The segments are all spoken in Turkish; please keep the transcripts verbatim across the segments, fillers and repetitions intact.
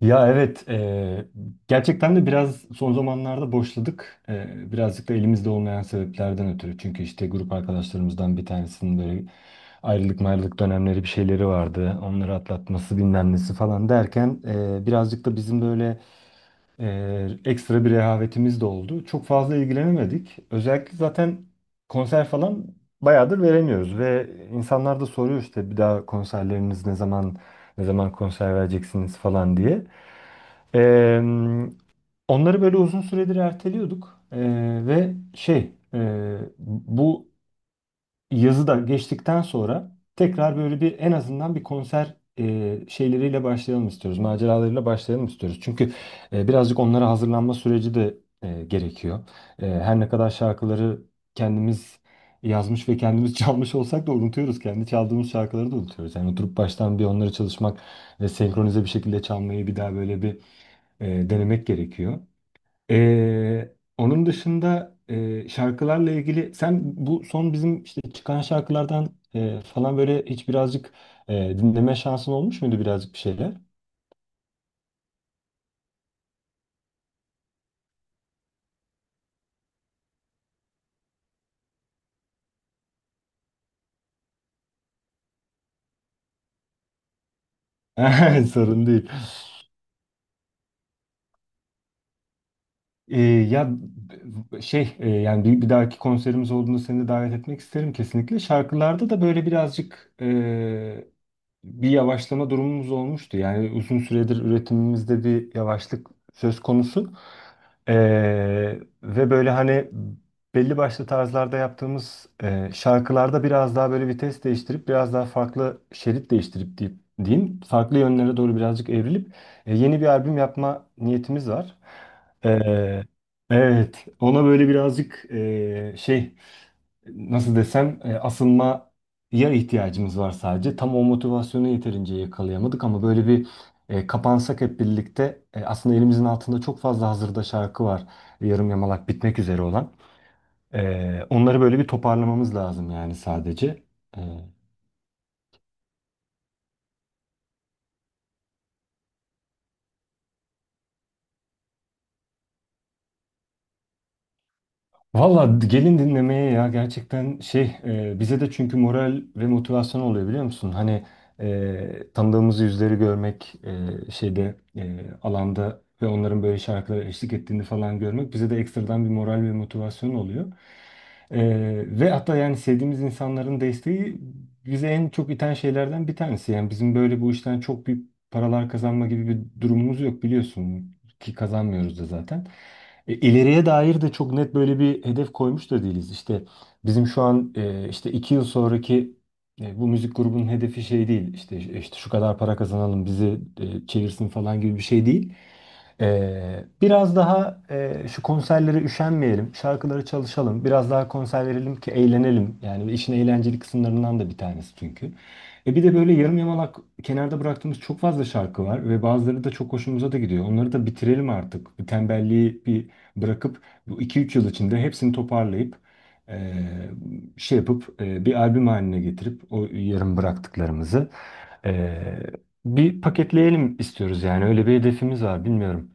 Ya evet, eee, gerçekten de biraz son zamanlarda boşladık. Eee, birazcık da elimizde olmayan sebeplerden ötürü. Çünkü işte grup arkadaşlarımızdan bir tanesinin böyle ayrılık mayrılık dönemleri bir şeyleri vardı. Onları atlatması bilmem nesi falan derken eee, birazcık da bizim böyle eee, ekstra bir rehavetimiz de oldu. Çok fazla ilgilenemedik. Özellikle zaten konser falan bayağıdır veremiyoruz ve insanlar da soruyor işte bir daha konserleriniz ne zaman ne zaman konser vereceksiniz falan diye. Ee, Onları böyle uzun süredir erteliyorduk. Ee, ve şey e, bu yazı da geçtikten sonra tekrar böyle bir en azından bir konser e, şeyleriyle başlayalım istiyoruz. Maceralarıyla başlayalım istiyoruz. Çünkü e, birazcık onlara hazırlanma süreci de e, gerekiyor. E, her ne kadar şarkıları kendimiz yazmış ve kendimiz çalmış olsak da unutuyoruz. Kendi çaldığımız şarkıları da unutuyoruz. Yani oturup baştan bir onları çalışmak ve senkronize bir şekilde çalmayı bir daha böyle bir e, denemek gerekiyor. E, onun dışında e, şarkılarla ilgili sen bu son bizim işte çıkan şarkılardan e, falan böyle hiç birazcık e, dinleme şansın olmuş muydu birazcık bir şeyler? Sorun değil. E, ya b- şey e, yani bir, bir dahaki konserimiz olduğunda seni de davet etmek isterim kesinlikle. Şarkılarda da böyle birazcık e, bir yavaşlama durumumuz olmuştu. Yani uzun süredir üretimimizde bir yavaşlık söz konusu. Ee, Ve böyle hani belli başlı tarzlarda yaptığımız e, şarkılarda biraz daha böyle vites değiştirip biraz daha farklı şerit değiştirip deyip, diyeyim farklı yönlere doğru birazcık evrilip e, yeni bir albüm yapma niyetimiz var. Ee, evet, ona böyle birazcık e, şey, nasıl desem, e, asılmaya ihtiyacımız var sadece. Tam o motivasyonu yeterince yakalayamadık ama böyle bir e, kapansak hep birlikte e, aslında elimizin altında çok fazla hazırda şarkı var. Yarım yamalak bitmek üzere olan. E, onları böyle bir toparlamamız lazım yani sadece. E, Valla gelin dinlemeye ya gerçekten şey e, bize de çünkü moral ve motivasyon oluyor, biliyor musun? Hani e, tanıdığımız yüzleri görmek e, şeyde e, alanda ve onların böyle şarkılara eşlik ettiğini falan görmek bize de ekstradan bir moral ve motivasyon oluyor. E, Ve hatta yani sevdiğimiz insanların desteği bize en çok iten şeylerden bir tanesi. Yani bizim böyle bu işten çok büyük paralar kazanma gibi bir durumumuz yok, biliyorsun ki kazanmıyoruz da zaten. E, İleriye dair de çok net böyle bir hedef koymuş da değiliz. İşte bizim şu an e, işte iki yıl sonraki e, bu müzik grubunun hedefi şey değil. İşte işte şu kadar para kazanalım bizi e, çevirsin falan gibi bir şey değil. E, biraz daha e, şu konserlere üşenmeyelim, şarkıları çalışalım, biraz daha konser verelim ki eğlenelim. Yani işin eğlenceli kısımlarından da bir tanesi çünkü. E bir de böyle yarım yamalak kenarda bıraktığımız çok fazla şarkı var ve bazıları da çok hoşumuza da gidiyor. Onları da bitirelim artık. Bu tembelliği bir bırakıp bu iki üç yıl içinde hepsini toparlayıp e, şey yapıp e, bir albüm haline getirip o yarım bıraktıklarımızı e, bir paketleyelim istiyoruz yani öyle bir hedefimiz var, bilmiyorum.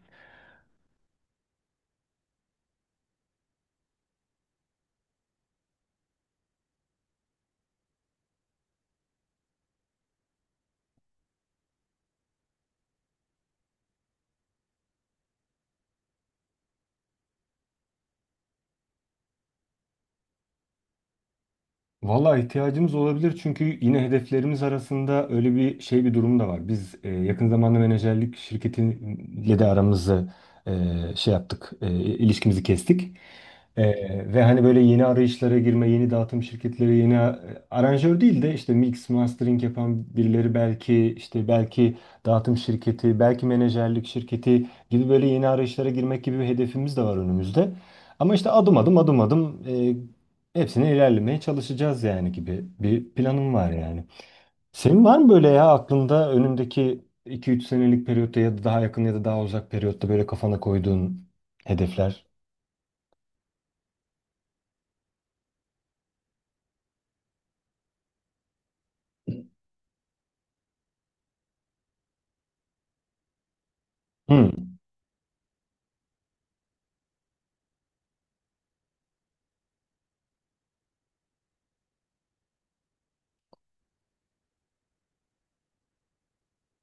Valla ihtiyacımız olabilir çünkü yine hedeflerimiz arasında öyle bir şey bir durum da var. Biz e, yakın zamanda menajerlik şirketiyle de aramızı e, şey yaptık, e, ilişkimizi kestik. E, Ve hani böyle yeni arayışlara girme, yeni dağıtım şirketleri, yeni a- aranjör değil de işte mix, mastering yapan birileri, belki işte belki dağıtım şirketi, belki menajerlik şirketi gibi böyle yeni arayışlara girmek gibi bir hedefimiz de var önümüzde. Ama işte adım adım adım adım e, hepsine ilerlemeye çalışacağız yani gibi bir planım var yani. Senin var mı böyle ya aklında önündeki iki üç senelik periyotta ya da daha yakın ya da daha uzak periyotta böyle kafana koyduğun hedefler? Hı.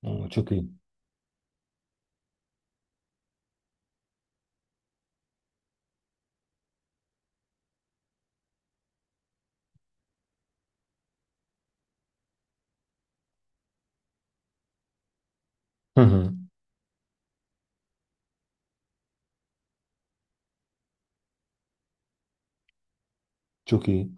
Aa, çok iyi. Hı hı. Çok iyi.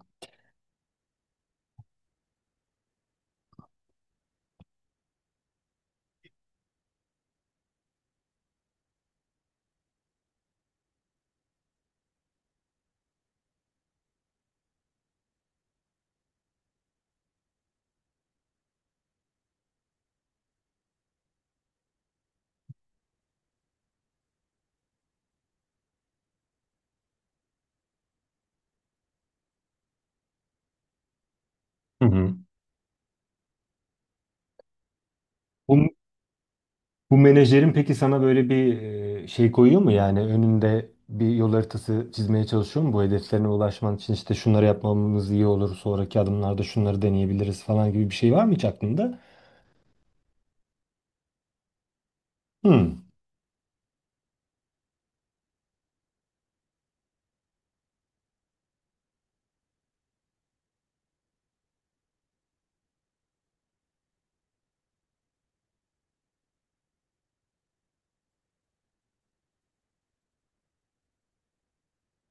Hı hı. Bu, bu menajerin peki sana böyle bir e, şey koyuyor mu yani önünde bir yol haritası çizmeye çalışıyor mu bu hedeflerine ulaşman için işte şunları yapmamız iyi olur, sonraki adımlarda şunları deneyebiliriz falan gibi bir şey var mı hiç aklında? Hı.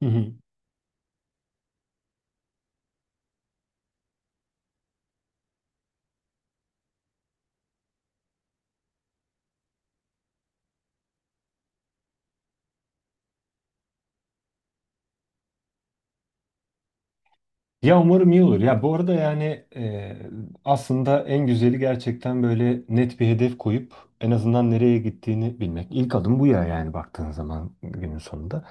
Hı hı. Ya umarım iyi olur. Ya bu arada yani e, aslında en güzeli gerçekten böyle net bir hedef koyup en azından nereye gittiğini bilmek. İlk adım bu ya yani baktığın zaman günün sonunda.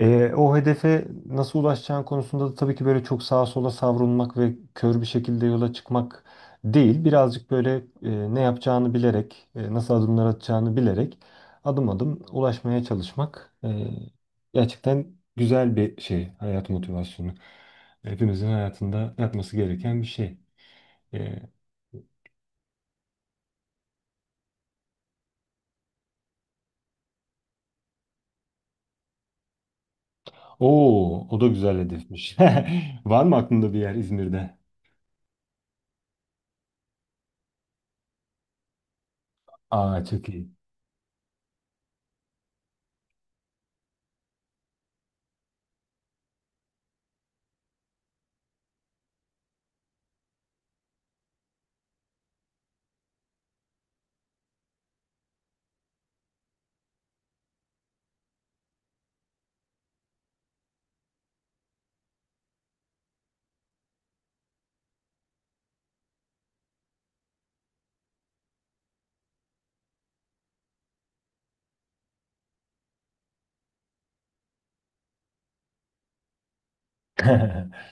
E, o hedefe nasıl ulaşacağın konusunda da tabii ki böyle çok sağa sola savrulmak ve kör bir şekilde yola çıkmak değil. Birazcık böyle e, ne yapacağını bilerek, e, nasıl adımlar atacağını bilerek adım adım ulaşmaya çalışmak e, gerçekten güzel bir şey, hayat motivasyonu. Hepimizin hayatında yapması gereken bir şey. Ee, Oo, o da güzel hedefmiş. Var mı aklında bir yer İzmir'de? Aa, çok iyi.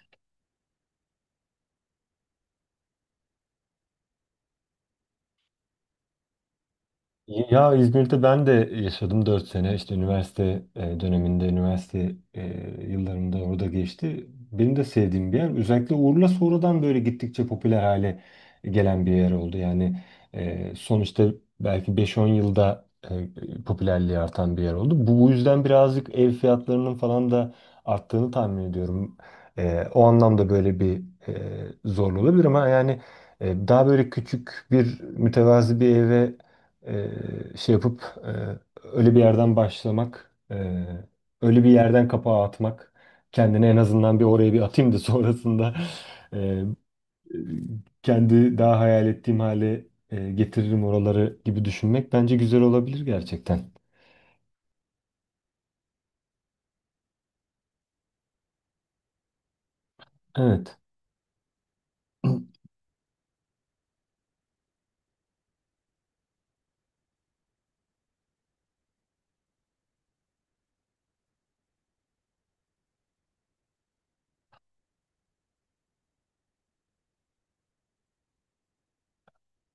Ya İzmir'de ben de yaşadım dört sene. İşte üniversite e, döneminde, üniversite e, yıllarımda orada geçti. Benim de sevdiğim bir yer. Özellikle Urla sonradan böyle gittikçe popüler hale gelen bir yer oldu. Yani e, sonuçta belki beş on yılda e, popülerliği artan bir yer oldu. Bu, bu yüzden birazcık ev fiyatlarının falan da arttığını tahmin ediyorum. E, o anlamda böyle bir e, zorlu olabilir ama yani e, daha böyle küçük bir mütevazi bir eve e, şey yapıp e, öyle bir yerden başlamak, e, öyle bir yerden kapağı atmak, kendine en azından bir oraya bir atayım da sonrasında e, kendi daha hayal ettiğim hale e, getiririm oraları gibi düşünmek bence güzel olabilir gerçekten. Evet.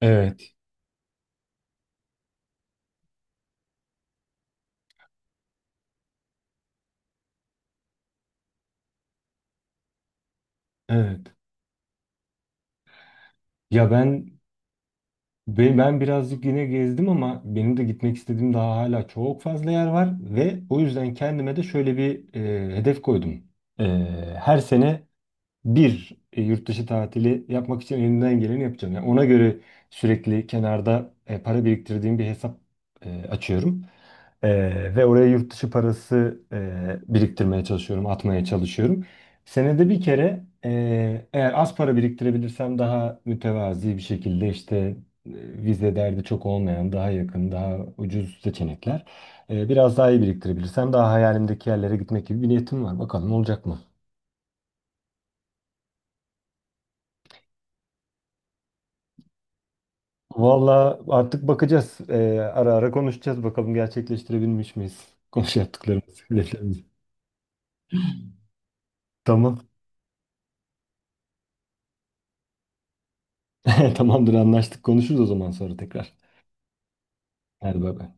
Evet, evet. Ya ben ben, ben birazcık yine gezdim ama benim de gitmek istediğim daha hala çok fazla yer var ve o yüzden kendime de şöyle bir e, hedef koydum. E, Her sene bir e, yurt dışı tatili yapmak için elimden geleni yapacağım. Yani ona göre sürekli kenarda e, para biriktirdiğim bir hesap e, açıyorum. E, Ve oraya yurt dışı parası e, biriktirmeye çalışıyorum, atmaya çalışıyorum. Senede bir kere e, eğer az para biriktirebilirsem daha mütevazi bir şekilde işte e, vize derdi çok olmayan, daha yakın, daha ucuz seçenekler. E, biraz daha iyi biriktirebilirsem daha hayalimdeki yerlere gitmek gibi bir niyetim var. Bakalım olacak mı? Valla artık bakacağız. Ee, ara ara konuşacağız. Bakalım gerçekleştirebilmiş miyiz? Konuş yaptıklarımızı, hedeflerimizi. Tamam. Tamamdır, anlaştık. Konuşuruz o zaman sonra tekrar. Hadi bay bay.